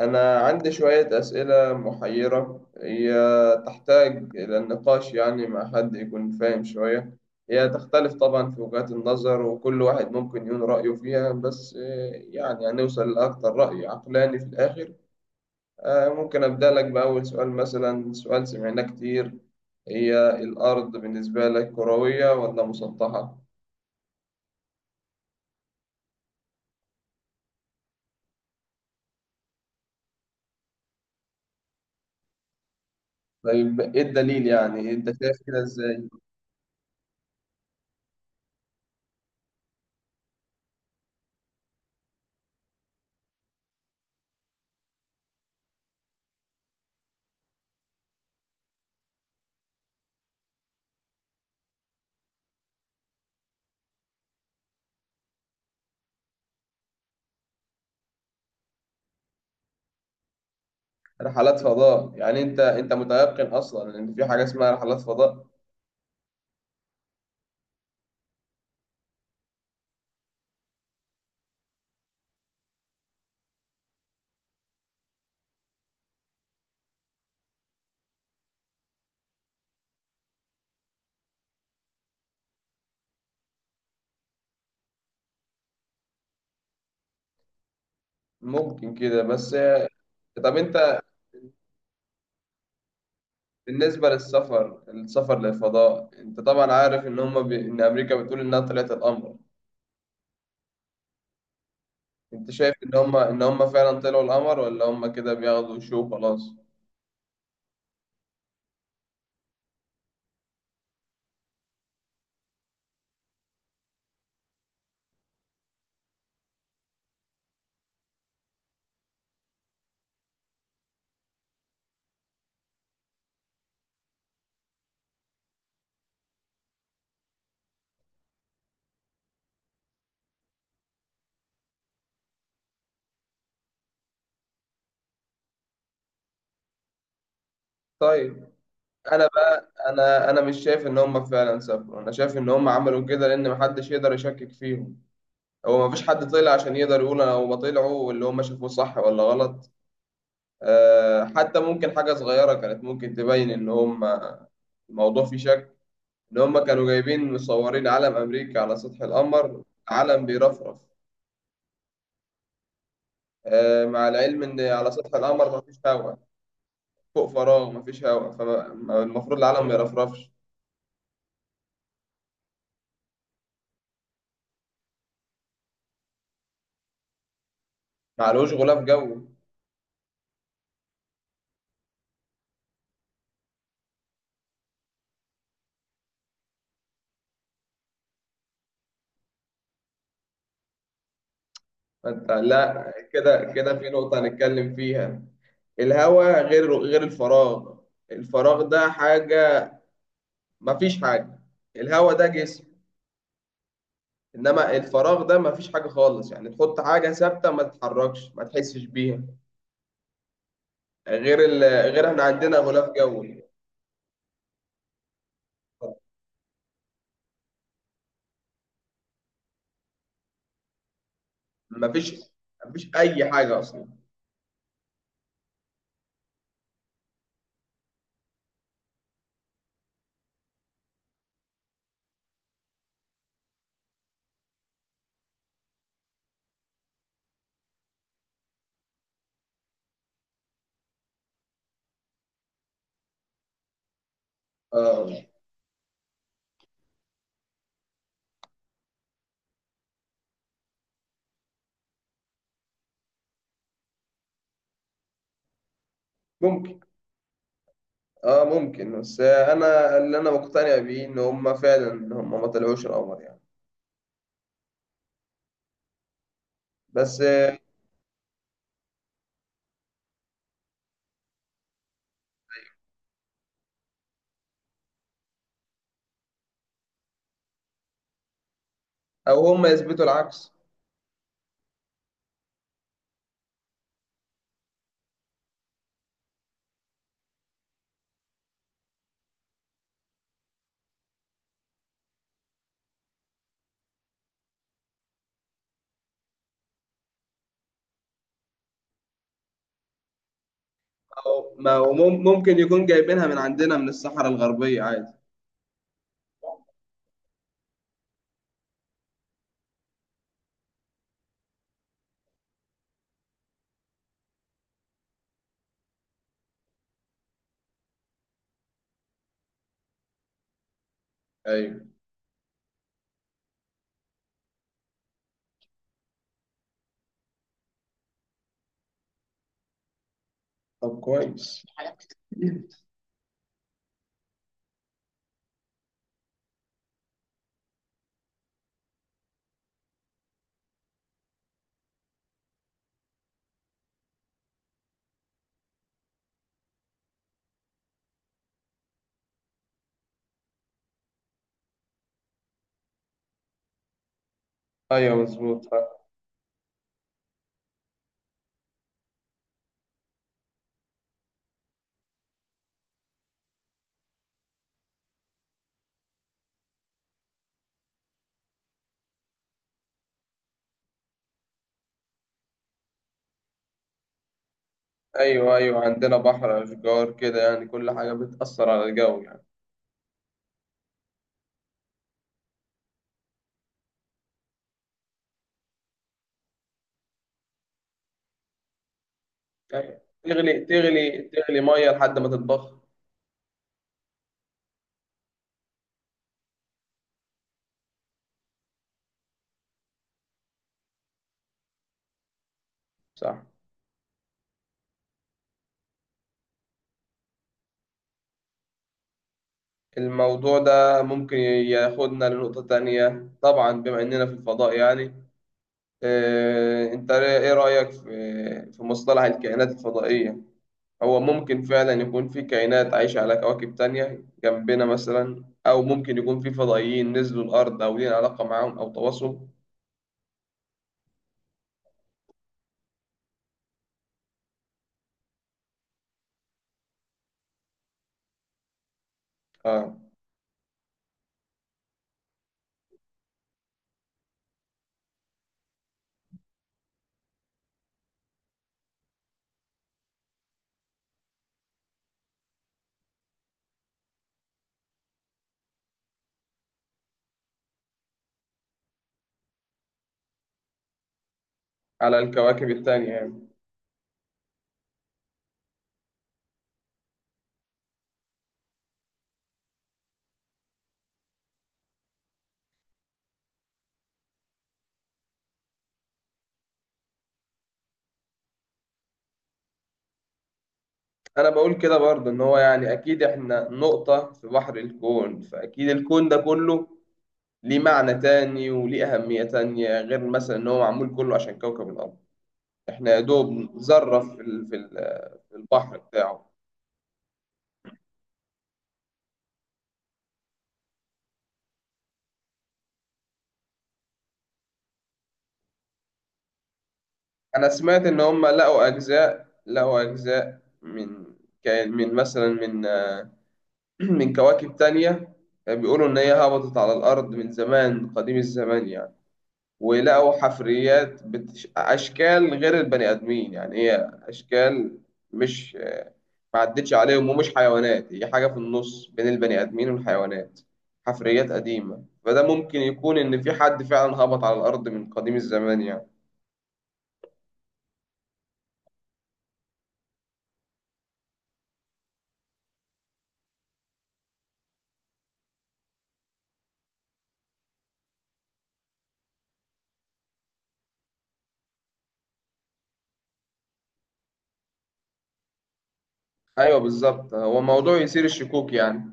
أنا عندي شوية أسئلة محيرة، هي تحتاج إلى النقاش، يعني مع حد يكون فاهم شوية. هي تختلف طبعا في وجهات النظر، وكل واحد ممكن يقول رأيه فيها، بس يعني هنوصل لأكتر رأي عقلاني في الآخر. ممكن أبدأ لك بأول سؤال، مثلا سؤال سمعناه كتير. هي الأرض بالنسبة لك كروية ولا مسطحة؟ طيب إيه الدليل يعني؟ أنت شايف كده إزاي؟ رحلات فضاء، يعني انت متيقن اصلا ان في حاجه اسمها رحلات فضاء؟ ممكن كده بس. طب انت، بالنسبه للسفر، السفر للفضاء، انت طبعا عارف ان هم ان امريكا بتقول انها طلعت القمر. انت شايف ان هم فعلا طلعوا القمر، ولا هم كده بياخدوا شو خلاص؟ طيب. انا بقى انا مش شايف ان هم فعلا سافروا، انا شايف ان هم عملوا كده لان محدش يقدر يشكك فيهم. هو مفيش حد طلع عشان يقدر يقول انا هم طلعوا واللي هم شافوه صح ولا غلط. حتى ممكن حاجة صغيرة كانت ممكن تبين إن هم الموضوع فيه شك، إن هم كانوا جايبين مصورين علم أمريكا على سطح القمر، علم بيرفرف. مع العلم إن على سطح القمر مفيش هواء، فوق، فراغ مفيش هواء، فالمفروض العلم ما يرفرفش. معلوش غلاف جوي. فأنت، لا، كده كده في نقطة هنتكلم فيها. الهواء غير الفراغ. الفراغ ده حاجة، مفيش حاجة. الهواء ده جسم، انما الفراغ ده ما فيش حاجه خالص، يعني تحط حاجه ثابته ما تتحركش ما تحسش بيها. غير ال... غير احنا عندنا غلاف جوي. ما فيش ما فيش اي حاجه اصلا. اه ممكن اه ممكن، بس انا اللي انا مقتنع بيه ان هم فعلا، ان هم ما طلعوش القمر يعني. بس او هم يثبتوا العكس. او ما هو ممكن يكون جايبينها من عندنا من الصحراء الغربيه عادي. ايوه. طب كويس. ايوه مظبوط. ايوه ايوه، عندنا بحر، اشجار، كده، يعني كل حاجه بتاثر على الجو يعني. أيوة. تغلي تغلي تغلي ميه لحد ما تتبخر. صح. الموضوع ده ممكن ياخدنا لنقطه تانية، طبعا بما اننا في الفضاء يعني. انت ايه رايك في مصطلح الكائنات الفضائيه؟ هو ممكن فعلا يكون في كائنات عايشه على كواكب تانية جنبنا مثلا، او ممكن يكون في فضائيين نزلوا الارض، او لينا علاقه معاهم او تواصل؟ آه، على الكواكب التانية يعني. انا بقول كده برضه، ان هو يعني اكيد احنا نقطة في بحر الكون، فاكيد الكون ده كله ليه معنى تاني، وليه اهمية تانية، غير مثلا ان هو معمول كله عشان كوكب الارض. احنا يا دوب ذرة في البحر بتاعه. انا سمعت ان هم لقوا اجزاء، من من مثلا من من كواكب تانية، بيقولوا ان هي هبطت على الارض من زمان، قديم الزمان يعني. ولقوا حفريات أشكال غير البني آدمين، يعني هي أشكال، مش، ما عدتش عليهم ومش حيوانات، هي حاجة في النص بين البني آدمين والحيوانات. حفريات قديمة، فده ممكن يكون إن في حد فعلا هبط على الأرض من قديم الزمان يعني. أيوه بالظبط، هو موضوع يثير الشكوك يعني.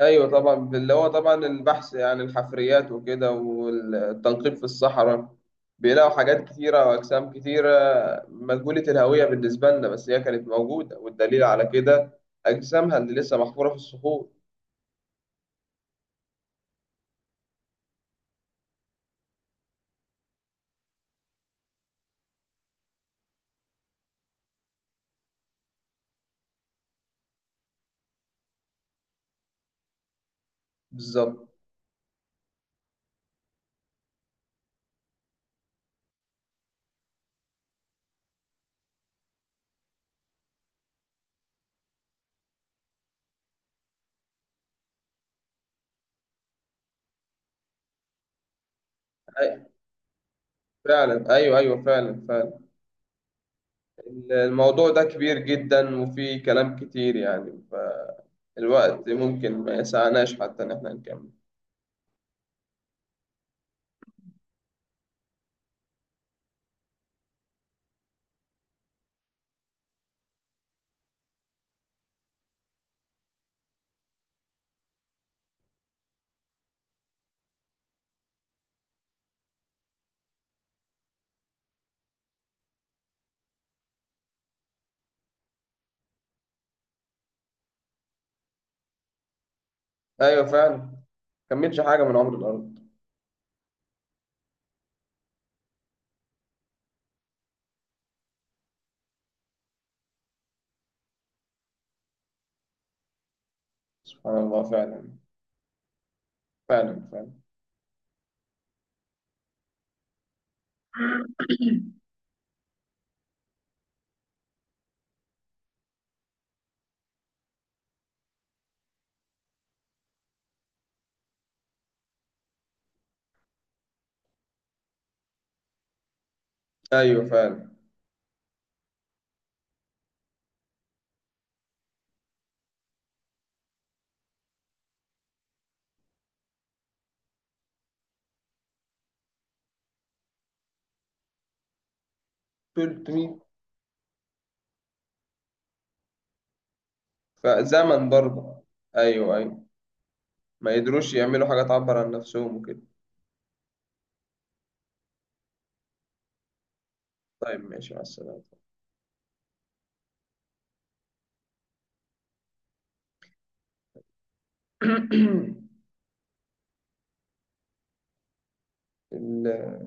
ايوه طبعا، اللي هو طبعا البحث يعني الحفريات وكده والتنقيب في الصحراء، بيلاقوا حاجات كتيرة وأجسام كتيرة مجهولة الهوية بالنسبة لنا، بس هي كانت موجودة، والدليل على كده أجسامها اللي لسه محفورة في الصخور. بالظبط. أي- فعلا، أيوه أيوه، فعلا فعلا. الموضوع ده كبير جدا وفيه كلام كتير يعني، فالوقت ممكن ما يسعناش حتى إن إحنا نكمل. أيوه فعلا، ما كملش حاجة من عمر الأرض. سبحان الله، فعلا فعلا فعلا. ايوه فعلا. 300. فزمن برضه. ايوه ايوه، ما يقدروش يعملوا حاجه تعبر عن نفسهم وكده. طيب ماشي، مع السلامه. ال-